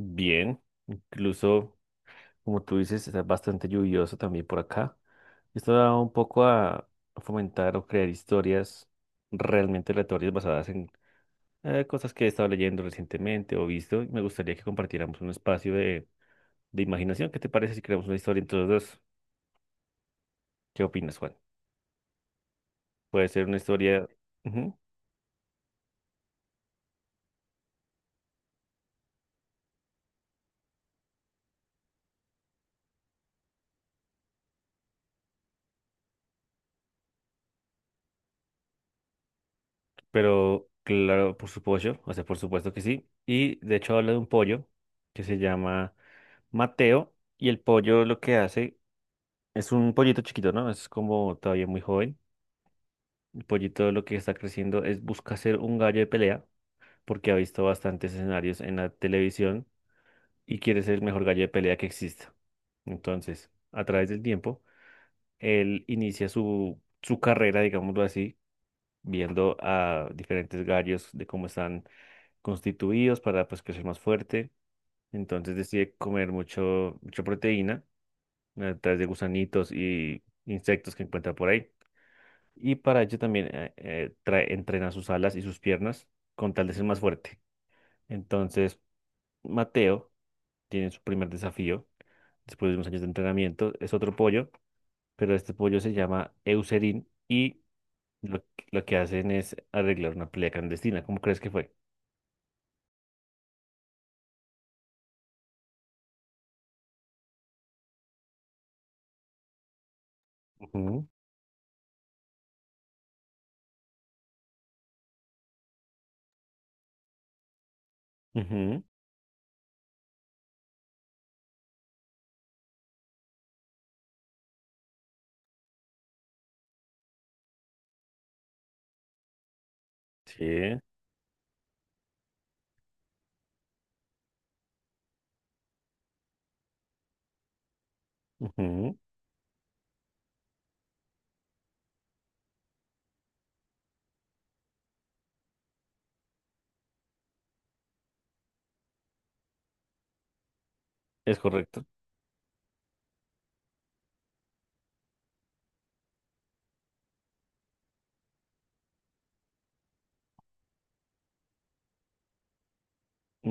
Bien, incluso como tú dices, está bastante lluvioso también por acá. Esto da un poco a fomentar o crear historias realmente aleatorias basadas en cosas que he estado leyendo recientemente o visto. Y me gustaría que compartiéramos un espacio de imaginación. ¿Qué te parece si creamos una historia entre los dos? ¿Qué opinas, Juan? Puede ser una historia. Ujú. Pero claro, por supuesto, o sea, por supuesto que sí. Y de hecho habla de un pollo que se llama Mateo y el pollo lo que hace es un pollito chiquito, ¿no? Es como todavía muy joven. El pollito lo que está creciendo es busca ser un gallo de pelea porque ha visto bastantes escenarios en la televisión y quiere ser el mejor gallo de pelea que exista. Entonces, a través del tiempo, él inicia su carrera, digámoslo así, viendo a diferentes gallos de cómo están constituidos para pues crecer más fuerte. Entonces decide comer mucho, mucha proteína a través de gusanitos y insectos que encuentra por ahí. Y para ello también entrena sus alas y sus piernas con tal de ser más fuerte. Entonces, Mateo tiene su primer desafío después de unos años de entrenamiento. Es otro pollo, pero este pollo se llama Eucerin y lo, lo que hacen es arreglar una pelea clandestina. ¿Cómo crees que fue? Ujú, ujú, sí, ujú, es correcto.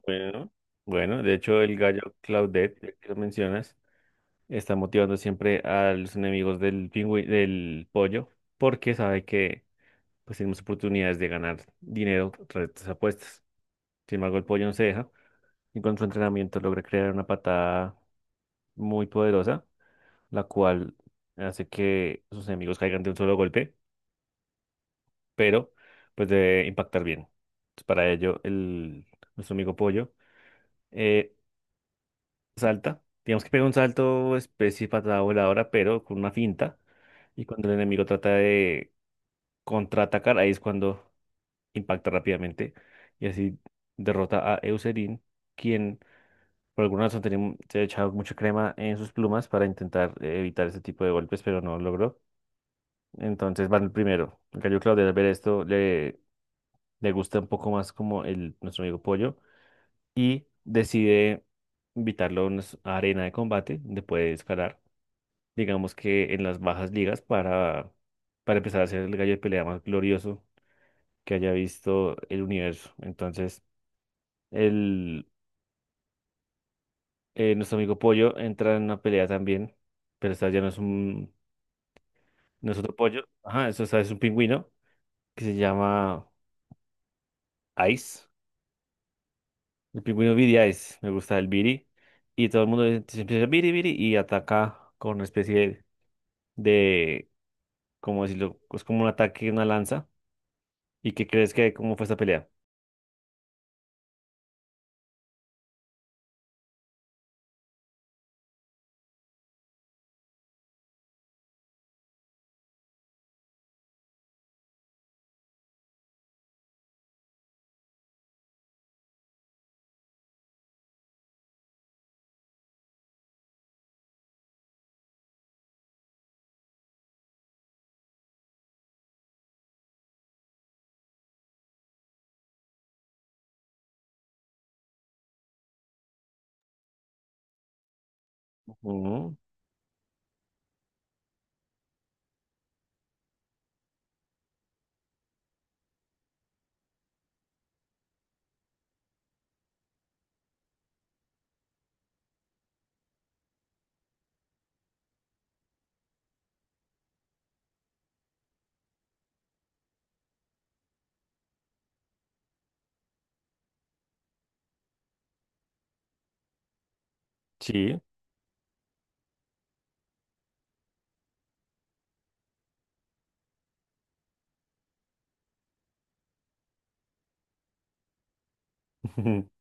Bueno, bueno, de hecho el gallo Claudette, ya que lo mencionas, está motivando siempre a los enemigos del pollo, porque sabe que pues tenemos oportunidades de ganar dinero tras estas apuestas. Sin embargo, el pollo no se deja y con su entrenamiento logra crear una patada muy poderosa, la cual hace que sus enemigos caigan de un solo golpe, pero pues debe impactar bien. Entonces, para ello, nuestro amigo pollo eh, salta. Digamos que pega un salto especie patada voladora, pero con una finta. Y cuando el enemigo trata de contraatacar, ahí es cuando impacta rápidamente y así derrota a Eucerin, quien por alguna razón se ha echado mucha crema en sus plumas para intentar evitar ese tipo de golpes, pero no lo logró. Entonces van el primero. El gallo Claudio al ver esto le gusta un poco más como nuestro amigo Pollo y decide invitarlo a arena de combate donde puede escalar, digamos que en las bajas ligas para, empezar a hacer el gallo de pelea más glorioso que haya visto el universo. Entonces, el, nuestro amigo Pollo entra en una pelea también, pero esta ya no es otro pollo. Ajá, eso esta es un pingüino que se llama Ice. El pingüino Viri Ice, me gusta el Viri. Y todo el mundo se empieza a Viri, Viri y ataca con una especie de, ¿cómo decirlo? Es como un ataque, una lanza. ¿Y qué crees que cómo fue esta pelea? Ujú, sí,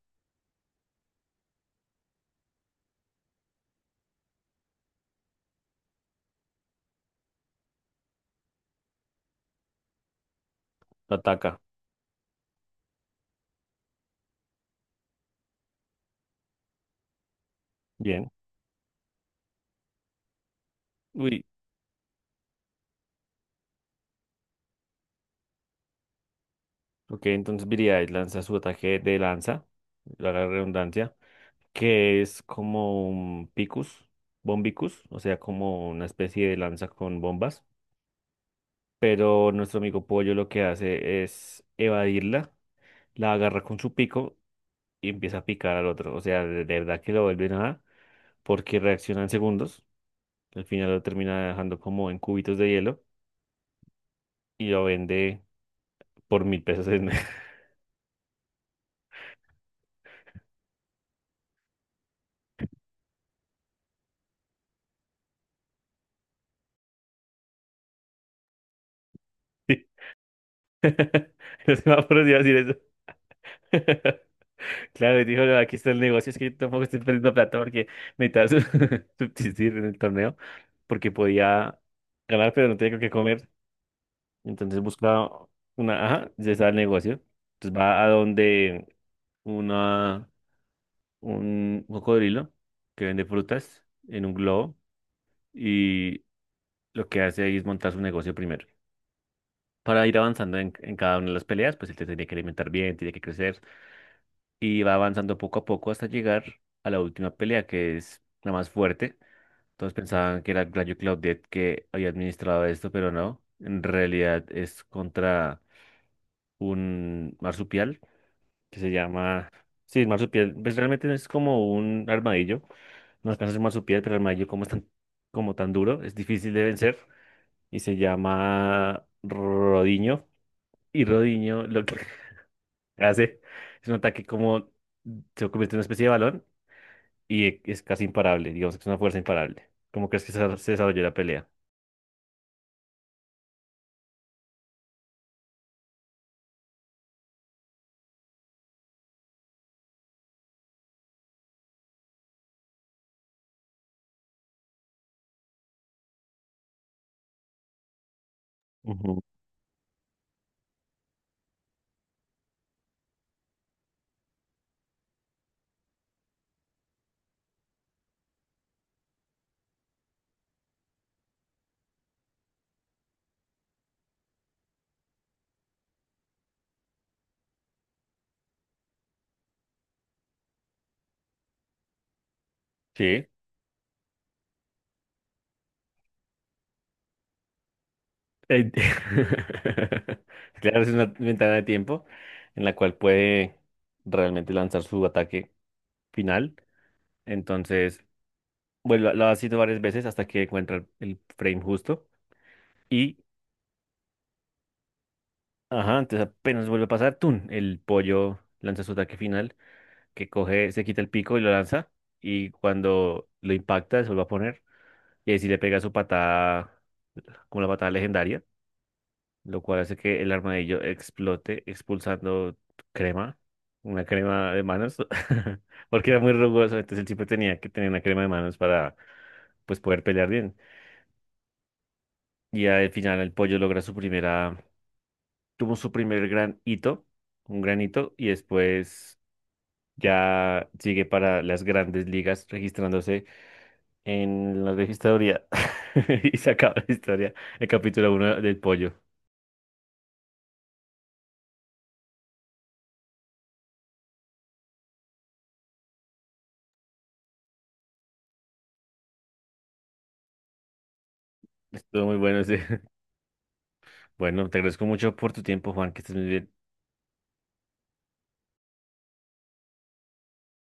lo ataca. Bien. Uy. Ok, entonces Viridian lanza su ataque de lanza, la redundancia, que es como un Picus, Bombicus, o sea, como una especie de lanza con bombas. Pero nuestro amigo Pollo lo que hace es evadirla, la agarra con su pico y empieza a picar al otro. O sea, de verdad que lo vuelve nada, porque reacciona en segundos. Al final lo termina dejando como en cubitos de hielo y lo vende por 1.000 pesos en. No se me ha ocurrido decir eso. Claro, y dijo: "No, aquí está el negocio, es que yo tampoco estoy perdiendo plata porque necesitaba subsistir en el torneo, porque podía ganar, pero no tenía con qué comer. Entonces busca una, ajá, ya está el negocio. Entonces va a donde una, un cocodrilo que vende frutas en un globo y lo que hace ahí es montar su negocio primero. Para ir avanzando en cada una de las peleas, pues él te tiene que alimentar bien, tiene que crecer. Y va avanzando poco a poco hasta llegar a la última pelea, que es la más fuerte. Todos pensaban que era Gladio Claudette que había administrado esto, pero no. En realidad es contra un marsupial que se llama... Sí, el marsupial, pues realmente no es como un armadillo. No alcanza a ser marsupial, pero el armadillo como es tan, como tan duro, es difícil de vencer. Y se llama Rodiño. Y Rodiño lo que hace es un ataque como... Se convierte en una especie de balón y es casi imparable, digamos que es una fuerza imparable. ¿Cómo crees que se desarrolló la pelea? Ujú. Sí. Eh, Claro, es una ventana de tiempo en la cual puede realmente lanzar su ataque final. Entonces, bueno, lo ha sido varias veces hasta que encuentra el frame justo. Y, ajá, entonces apenas vuelve a pasar, ¡tun! El pollo lanza su ataque final, que coge, se quita el pico y lo lanza. Y cuando lo impacta, se vuelve a poner. Y ahí sí le pega su patada, como la patada legendaria, lo cual hace que el armadillo explote, expulsando crema, una crema de manos, porque era muy rugoso, entonces él siempre tenía que tener una crema de manos para pues poder pelear bien. Y al final el pollo logra su primera, tuvo su primer gran hito, un gran hito, y después ya sigue para las grandes ligas registrándose en la vieja historia. Y se acaba la historia, el capítulo uno del pollo. Estuvo muy bueno ese. Bueno, te agradezco mucho por tu tiempo, Juan, que estés muy bien.